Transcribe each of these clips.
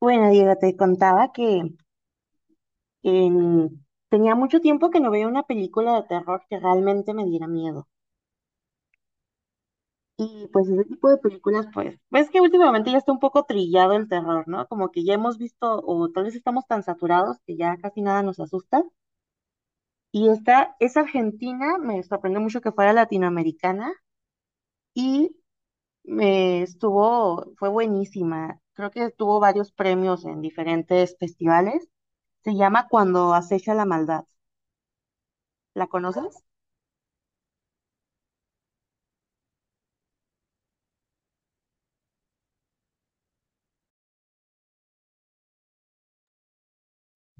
Bueno, Diego, te contaba que tenía mucho tiempo que no veía una película de terror que realmente me diera miedo. Y pues ese tipo de películas, pues, ves que últimamente ya está un poco trillado el terror, ¿no? Como que ya hemos visto, o tal vez estamos tan saturados que ya casi nada nos asusta. Y esta es argentina, me sorprendió mucho que fuera latinoamericana y fue buenísima. Creo que tuvo varios premios en diferentes festivales. Se llama Cuando acecha la maldad. ¿La conoces?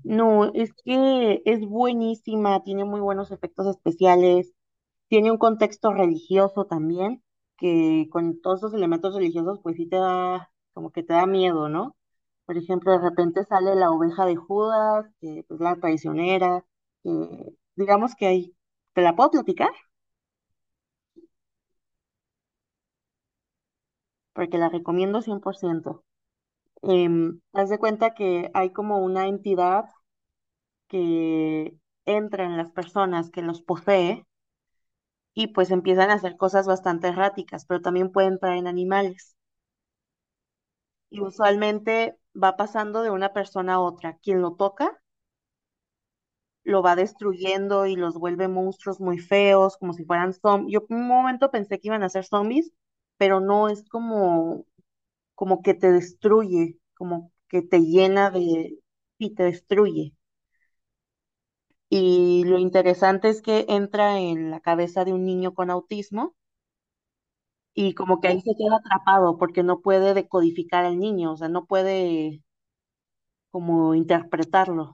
No, es que es buenísima, tiene muy buenos efectos especiales, tiene un contexto religioso también, que con todos esos elementos religiosos, pues sí te da, como que te da miedo, ¿no? Por ejemplo, de repente sale la oveja de Judas, que es la traicionera, que digamos que ahí, te la puedo platicar, porque la recomiendo 100%. Haz de cuenta que hay como una entidad que entra en las personas, que los posee y pues empiezan a hacer cosas bastante erráticas, pero también pueden traer en animales. Y usualmente va pasando de una persona a otra. Quien lo toca lo va destruyendo y los vuelve monstruos muy feos, como si fueran zombies. Yo por un momento pensé que iban a ser zombies, pero no es como, como que te destruye, como que te llena de y te destruye. Y lo interesante es que entra en la cabeza de un niño con autismo y como que ahí se queda atrapado porque no puede decodificar al niño, o sea, no puede como interpretarlo.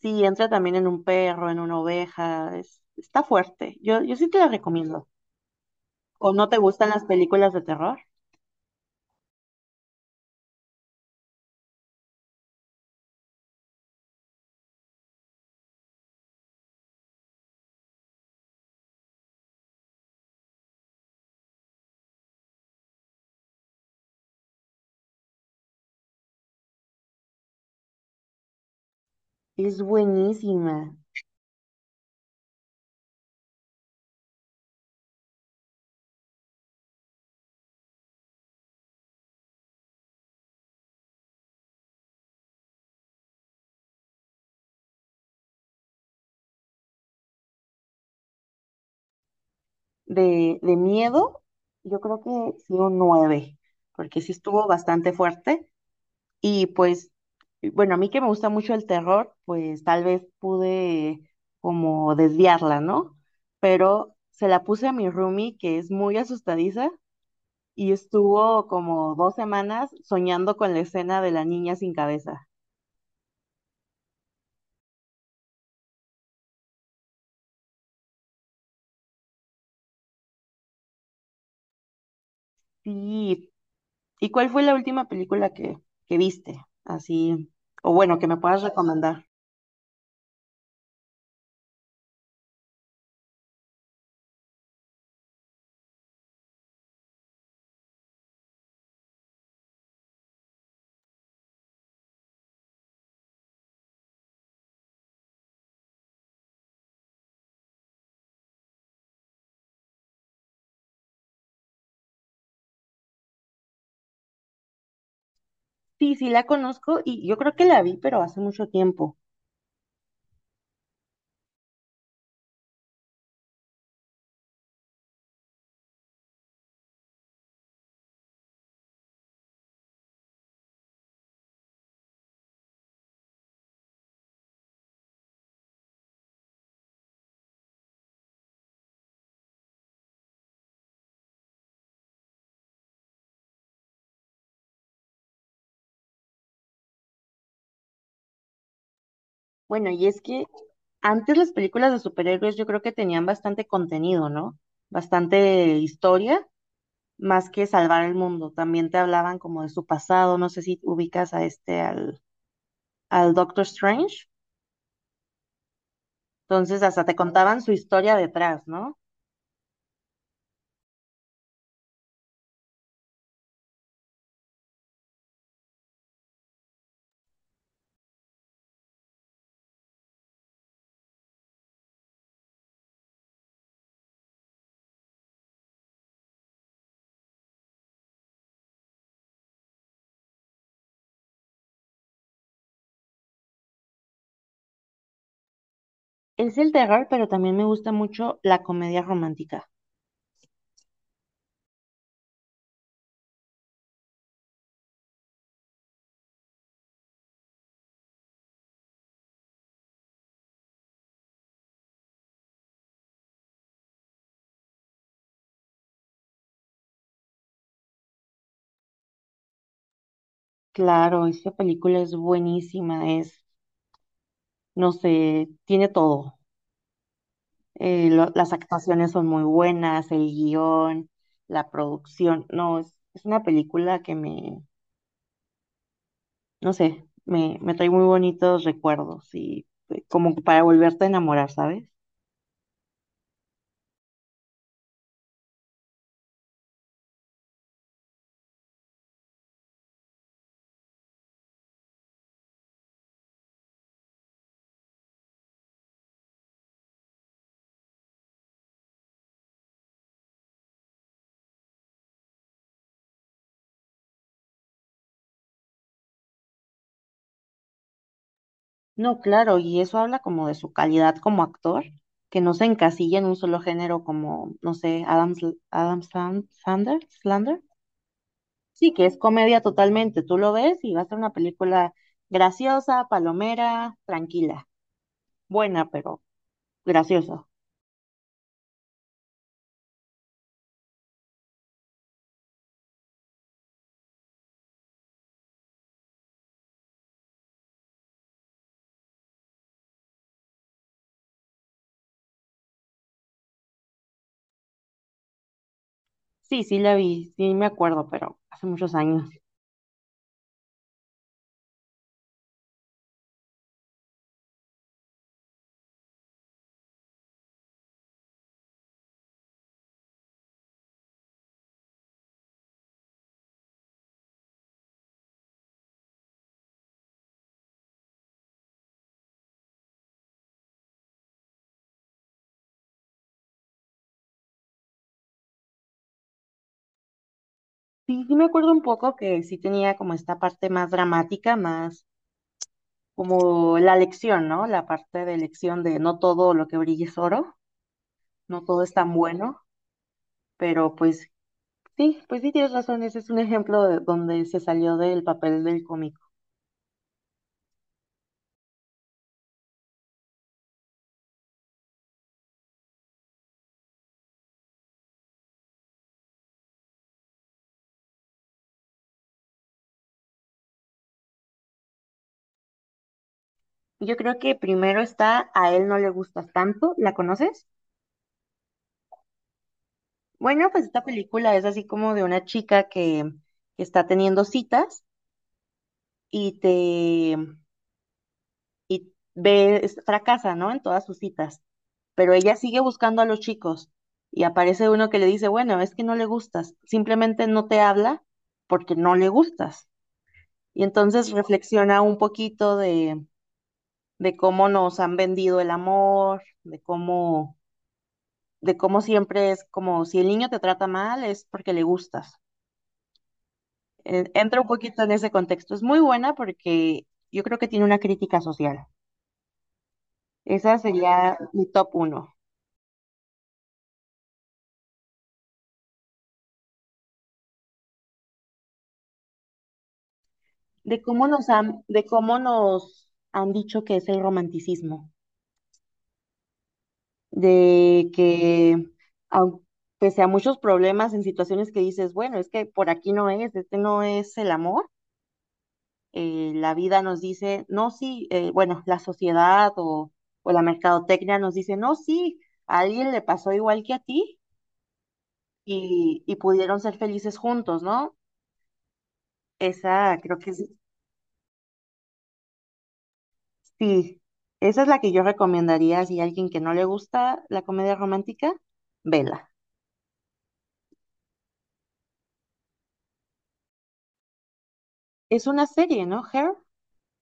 Sí, entra también en un perro, en una oveja, está fuerte. Yo sí te la recomiendo. ¿O no te gustan las películas de terror? Es buenísima. De miedo, yo creo que sí un 9 porque sí estuvo bastante fuerte. Y pues, bueno, a mí que me gusta mucho el terror, pues tal vez pude como desviarla, ¿no? Pero se la puse a mi roomie, que es muy asustadiza, y estuvo como dos semanas soñando con la escena de la niña sin cabeza. Sí. ¿Y cuál fue la última película que viste? Así, o bueno, que me puedas recomendar. Sí, sí la conozco y yo creo que la vi, pero hace mucho tiempo. Bueno, y es que antes las películas de superhéroes yo creo que tenían bastante contenido, ¿no? Bastante historia, más que salvar el mundo. También te hablaban como de su pasado, no sé si ubicas a este, al Doctor Strange. Entonces hasta te contaban su historia detrás, ¿no? Es el terror, pero también me gusta mucho la comedia romántica. Claro, esta película es buenísima, es, no sé, tiene todo. Las actuaciones son muy buenas, el guión, la producción. No, es una película que no sé, me trae muy bonitos recuerdos y como para volverte a enamorar, ¿sabes? No, claro, y eso habla como de su calidad como actor, que no se encasilla en un solo género como, no sé, Adam, Sl- Adam Sand- Sandler, Slander. Sí, que es comedia totalmente. Tú lo ves y va a ser una película graciosa, palomera, tranquila, buena, pero graciosa. Sí, sí la vi, sí me acuerdo, pero hace muchos años. Sí, sí me acuerdo un poco que sí tenía como esta parte más dramática, más como la lección, ¿no? La parte de lección de no todo lo que brilla es oro, no todo es tan bueno, pero pues sí tienes razón, ese es un ejemplo de donde se salió del papel del cómico. Yo creo que primero está A él no le gustas tanto, ¿la conoces? Bueno, pues esta película es así como de una chica que está teniendo citas y te y ve, fracasa, ¿no? En todas sus citas, pero ella sigue buscando a los chicos y aparece uno que le dice, bueno, es que no le gustas, simplemente no te habla porque no le gustas. Y entonces reflexiona un poquito de cómo nos han vendido el amor, de cómo siempre es como si el niño te trata mal es porque le gustas. Entra un poquito en ese contexto. Es muy buena porque yo creo que tiene una crítica social. Esa sería mi top uno. De cómo nos han dicho que es el romanticismo, de que au- pese a muchos problemas en situaciones que dices, bueno, es que por aquí no es, este no es el amor, la vida nos dice, no, sí, bueno, la sociedad o la mercadotecnia nos dice, no, sí, a alguien le pasó igual que a ti y pudieron ser felices juntos, ¿no? Esa creo que es sí, esa es la que yo recomendaría si a alguien que no le gusta la comedia romántica, vela. Es una serie, ¿no? ¿Her?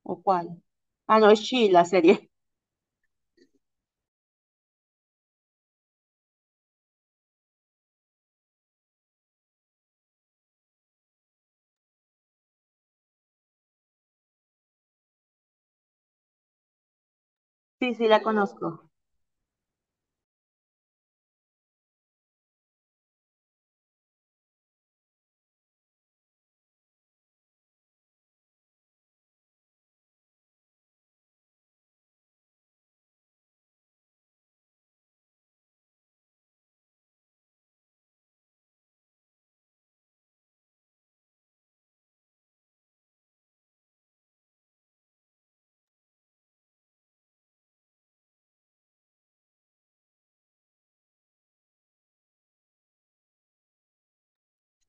¿O cuál? Ah, no, es She, la serie. Sí, sí, la conozco.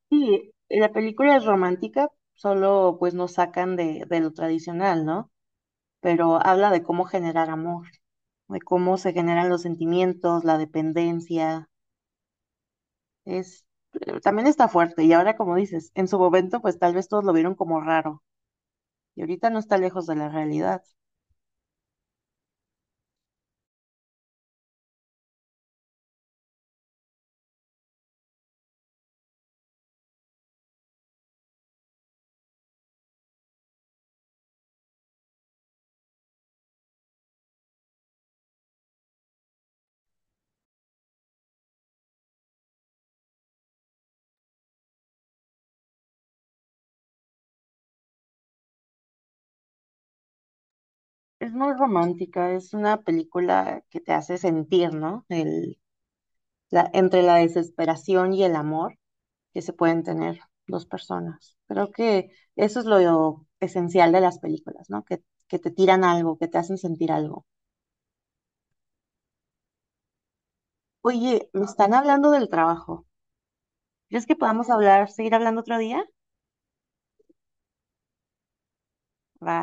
Sí, la película es romántica, solo pues nos sacan de lo tradicional, ¿no? Pero habla de cómo generar amor, de cómo se generan los sentimientos, la dependencia. Es, también está fuerte. Y ahora, como dices, en su momento, pues tal vez todos lo vieron como raro. Y ahorita no está lejos de la realidad. Es muy romántica, es una película que te hace sentir, ¿no? El, la, entre la desesperación y el amor que se pueden tener dos personas. Creo que eso es lo esencial de las películas, ¿no? Que te tiran algo, que te hacen sentir algo. Oye, me están hablando del trabajo. ¿Crees que podamos hablar, seguir hablando otro día? Va.